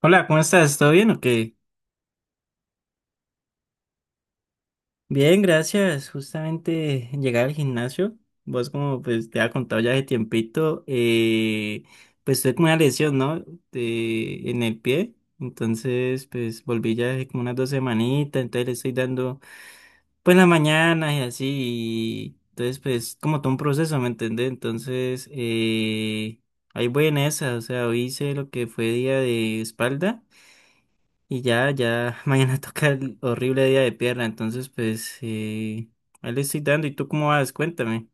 Hola, ¿cómo estás? ¿Todo bien o qué? Bien, gracias. Justamente llegué al gimnasio. Vos como pues te había contado ya de tiempito, pues tuve como una lesión, ¿no? En el pie. Entonces pues volví ya hace como unas dos semanitas. Entonces le estoy dando pues la mañana y así. Y entonces pues como todo un proceso, ¿me entendés? Entonces ahí voy en esa. O sea, hoy hice lo que fue día de espalda. Y ya, ya, mañana toca el horrible día de pierna, entonces pues ahí le estoy dando. ¿Y tú cómo vas? Cuéntame.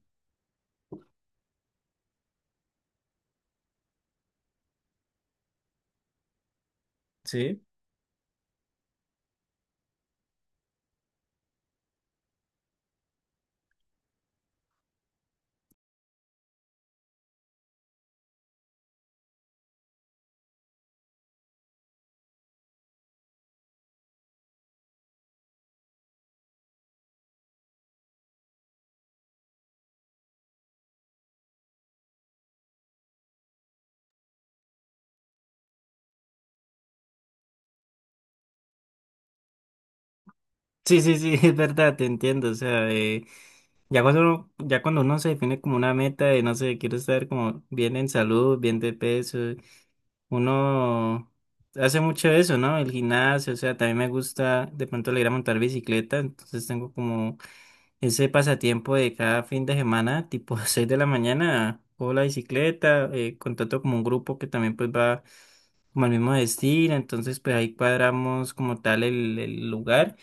Sí, sí, sí, sí, es verdad, te entiendo. O sea, ya cuando uno se define como una meta de, no sé, quiero estar como bien en salud, bien de peso, uno hace mucho eso, ¿no? El gimnasio, o sea, también me gusta, de pronto le ir a montar bicicleta, entonces tengo como ese pasatiempo de cada fin de semana, tipo 6 de la mañana, o la bicicleta, contrato como un grupo que también pues va como al mismo destino, entonces pues ahí cuadramos como tal el lugar.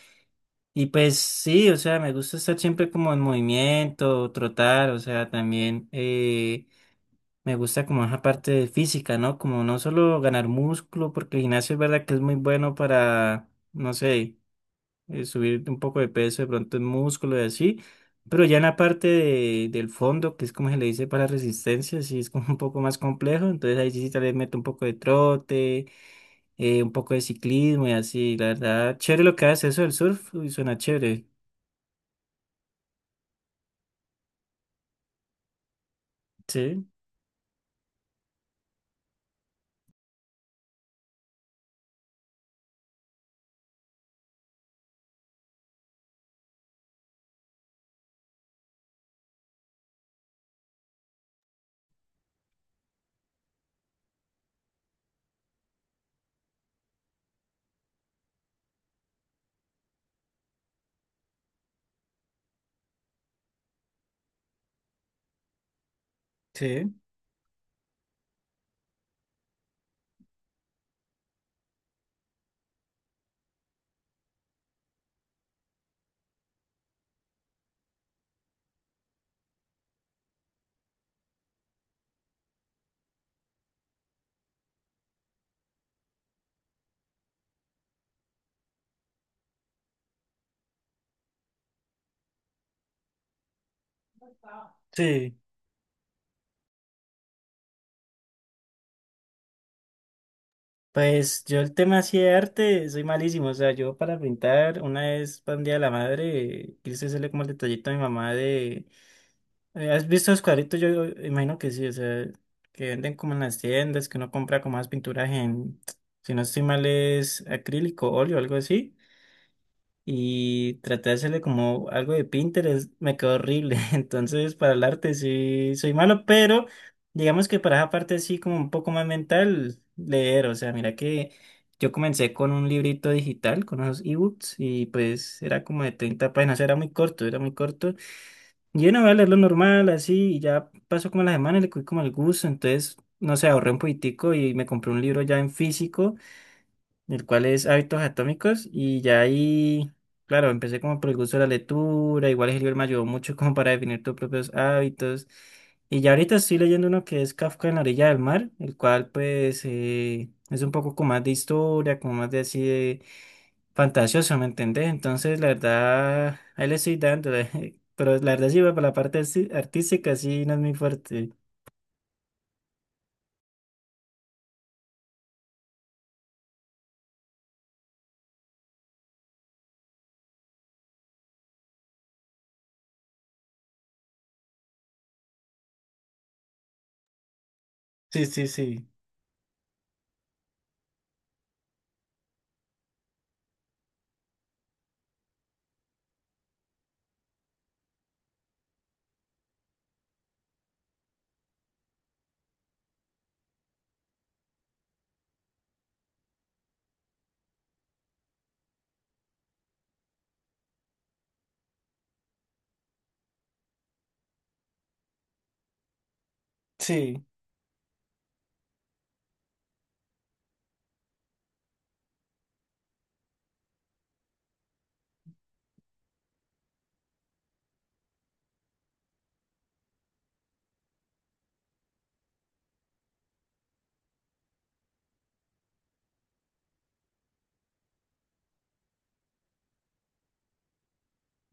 Y pues sí, o sea, me gusta estar siempre como en movimiento, trotar, o sea, también me gusta como esa parte de física, ¿no? Como no solo ganar músculo, porque el gimnasio es verdad que es muy bueno para, no sé subir un poco de peso, de pronto en músculo y así, pero ya en la parte del fondo, que es como se le dice para resistencia, sí es como un poco más complejo, entonces ahí sí tal vez meto un poco de trote, un poco de ciclismo y así, la verdad, chévere lo que hace eso del surf, uy, suena chévere, sí, sí, sí. Pues yo el tema así de arte soy malísimo, o sea, yo para pintar una vez para un día de la madre quise hacerle como el detallito a mi mamá de ¿Has visto los cuadritos? Yo imagino que sí, o sea, que venden como en las tiendas, que uno compra como más pinturas en, si no estoy mal, es acrílico, óleo, algo así, y traté de hacerle como algo de Pinterest, me quedó horrible, entonces para el arte sí soy malo, pero digamos que para esa parte así como un poco más mental, leer, o sea, mira que yo comencé con un librito digital, con unos ebooks, y pues era como de 30 páginas, era muy corto, era muy corto. Yo no voy a leerlo normal, así, y ya pasó como la semana y le cogí como el gusto, entonces, no sé, ahorré un poquitico y me compré un libro ya en físico, el cual es Hábitos Atómicos, y ya ahí, claro, empecé como por el gusto de la lectura, igual el libro me ayudó mucho como para definir tus propios hábitos, y ya ahorita estoy leyendo uno que es Kafka en la orilla del mar, el cual pues es un poco como más de historia, como más de así de fantasioso, ¿me entendés? Entonces, la verdad, ahí le estoy dando, pero la verdad sí, para la parte artística sí no es muy fuerte. Sí, sí, sí, sí.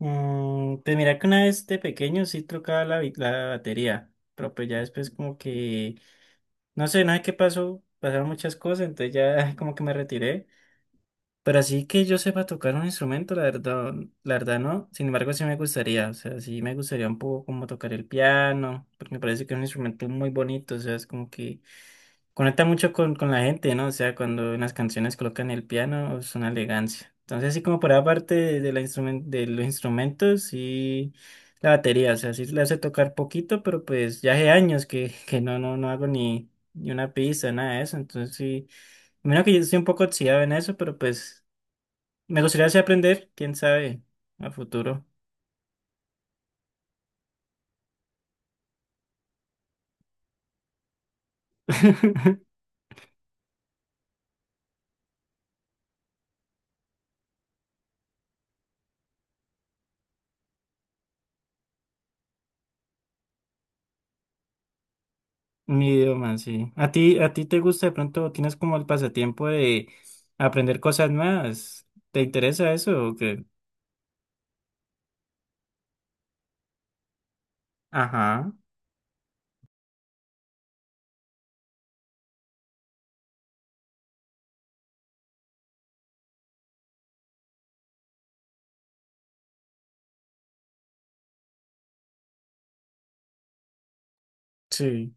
Mm, pues mira que una vez de pequeño sí tocaba la batería, pero pues ya después como que, no sé, nada qué pasó, pasaron muchas cosas, entonces ya como que me retiré. Pero así que yo sepa tocar un instrumento, la verdad no, sin embargo sí me gustaría, o sea, sí me gustaría un poco como tocar el piano, porque me parece que es un instrumento muy bonito, o sea, es como que conecta mucho con la gente, ¿no? O sea, cuando en las canciones colocan el piano, es una elegancia. Entonces, así como por aparte de los instrumentos y la batería, o sea, sí le hace tocar poquito, pero pues ya hace años que, que no, no, no hago ni una pista, nada de eso. Entonces, sí, menos que yo estoy un poco oxidado en eso, pero pues me gustaría así aprender, quién sabe, a futuro. Mi idioma, sí. ¿A ti te gusta de pronto, tienes como el pasatiempo de aprender cosas nuevas? ¿Te interesa eso o qué? Ajá, sí.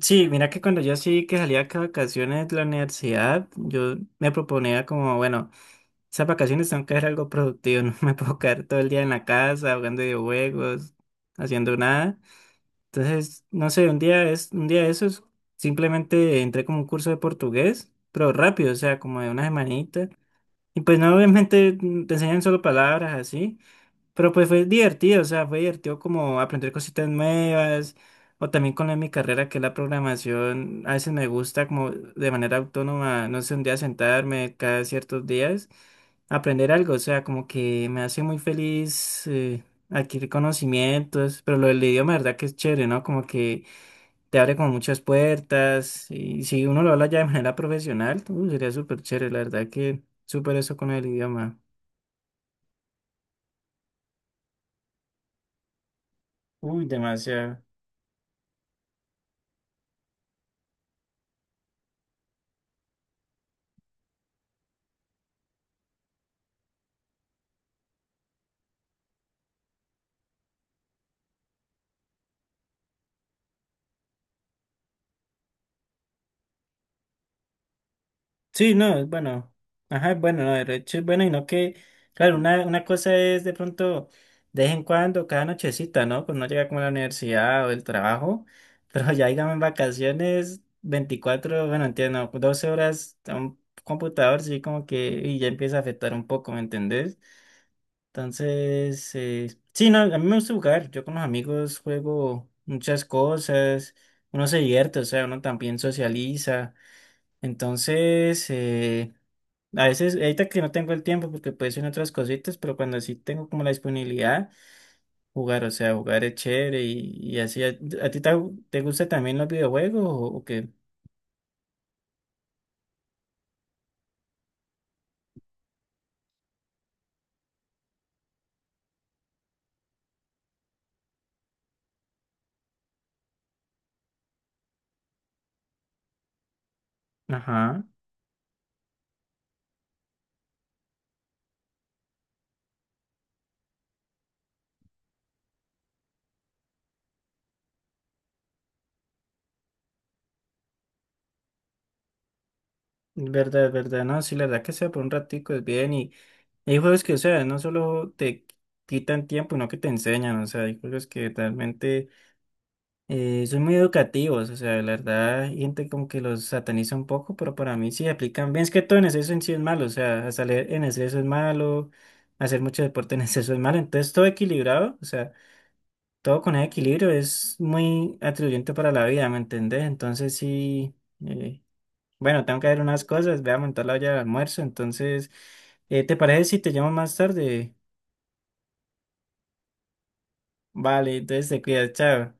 Sí, mira que cuando yo sí que salía acá a vacaciones de la universidad, yo me proponía como, bueno, esas vacaciones tengo que hacer algo productivo, no me puedo quedar todo el día en la casa jugando videojuegos, haciendo nada. Entonces, no sé, un día de esos, simplemente entré como un curso de portugués, pero rápido, o sea, como de una semanita. Y pues no, obviamente te enseñan solo palabras así, pero pues fue divertido, o sea, fue divertido como aprender cositas nuevas, o también con lo de mi carrera que es la programación, a veces me gusta como de manera autónoma, no sé, un día sentarme cada ciertos días, aprender algo, o sea, como que me hace muy feliz adquirir conocimientos, pero lo del idioma, verdad que es chévere, ¿no? Como que te abre como muchas puertas y si uno lo habla ya de manera profesional, sería súper chévere, la verdad que súper eso con el idioma. Uy, demasiado. Sí, no, es bueno. Ajá, es bueno, no, de hecho es bueno y no que, claro, una cosa es de pronto de vez en cuando, cada nochecita, ¿no? Pues no llega como a la universidad o el trabajo, pero ya digamos en vacaciones, 24, bueno, entiendo, 12 horas a un computador, sí, como que y ya empieza a afectar un poco, ¿me entendés? Entonces, sí, no, a mí me gusta jugar. Yo con los amigos juego muchas cosas. Uno se divierte, o sea, uno también socializa. Entonces, a veces, ahorita que no tengo el tiempo porque puedo hacer otras cositas, pero cuando sí tengo como la disponibilidad, jugar, o sea, jugar es chévere y así. ¿A ti te gusta también los videojuegos o qué? Ajá. Verdad, verdad, no, sí, la verdad que sea por un ratico es bien y hay juegos que, o sea, no solo te quitan tiempo, sino que te enseñan, o sea, hay juegos que realmente son muy educativos, o sea, la verdad, hay gente como que los sataniza un poco, pero para mí sí aplican bien, es que todo en exceso en sí es malo, o sea, hasta leer en exceso es malo, hacer mucho deporte en exceso es malo, entonces todo equilibrado, o sea, todo con ese equilibrio es muy atribuyente para la vida, ¿me entendés? Entonces sí. eh, bueno, tengo que ver unas cosas, voy a montar la olla de almuerzo, entonces, ¿te parece si te llamo más tarde? Vale, entonces te cuidas, chao.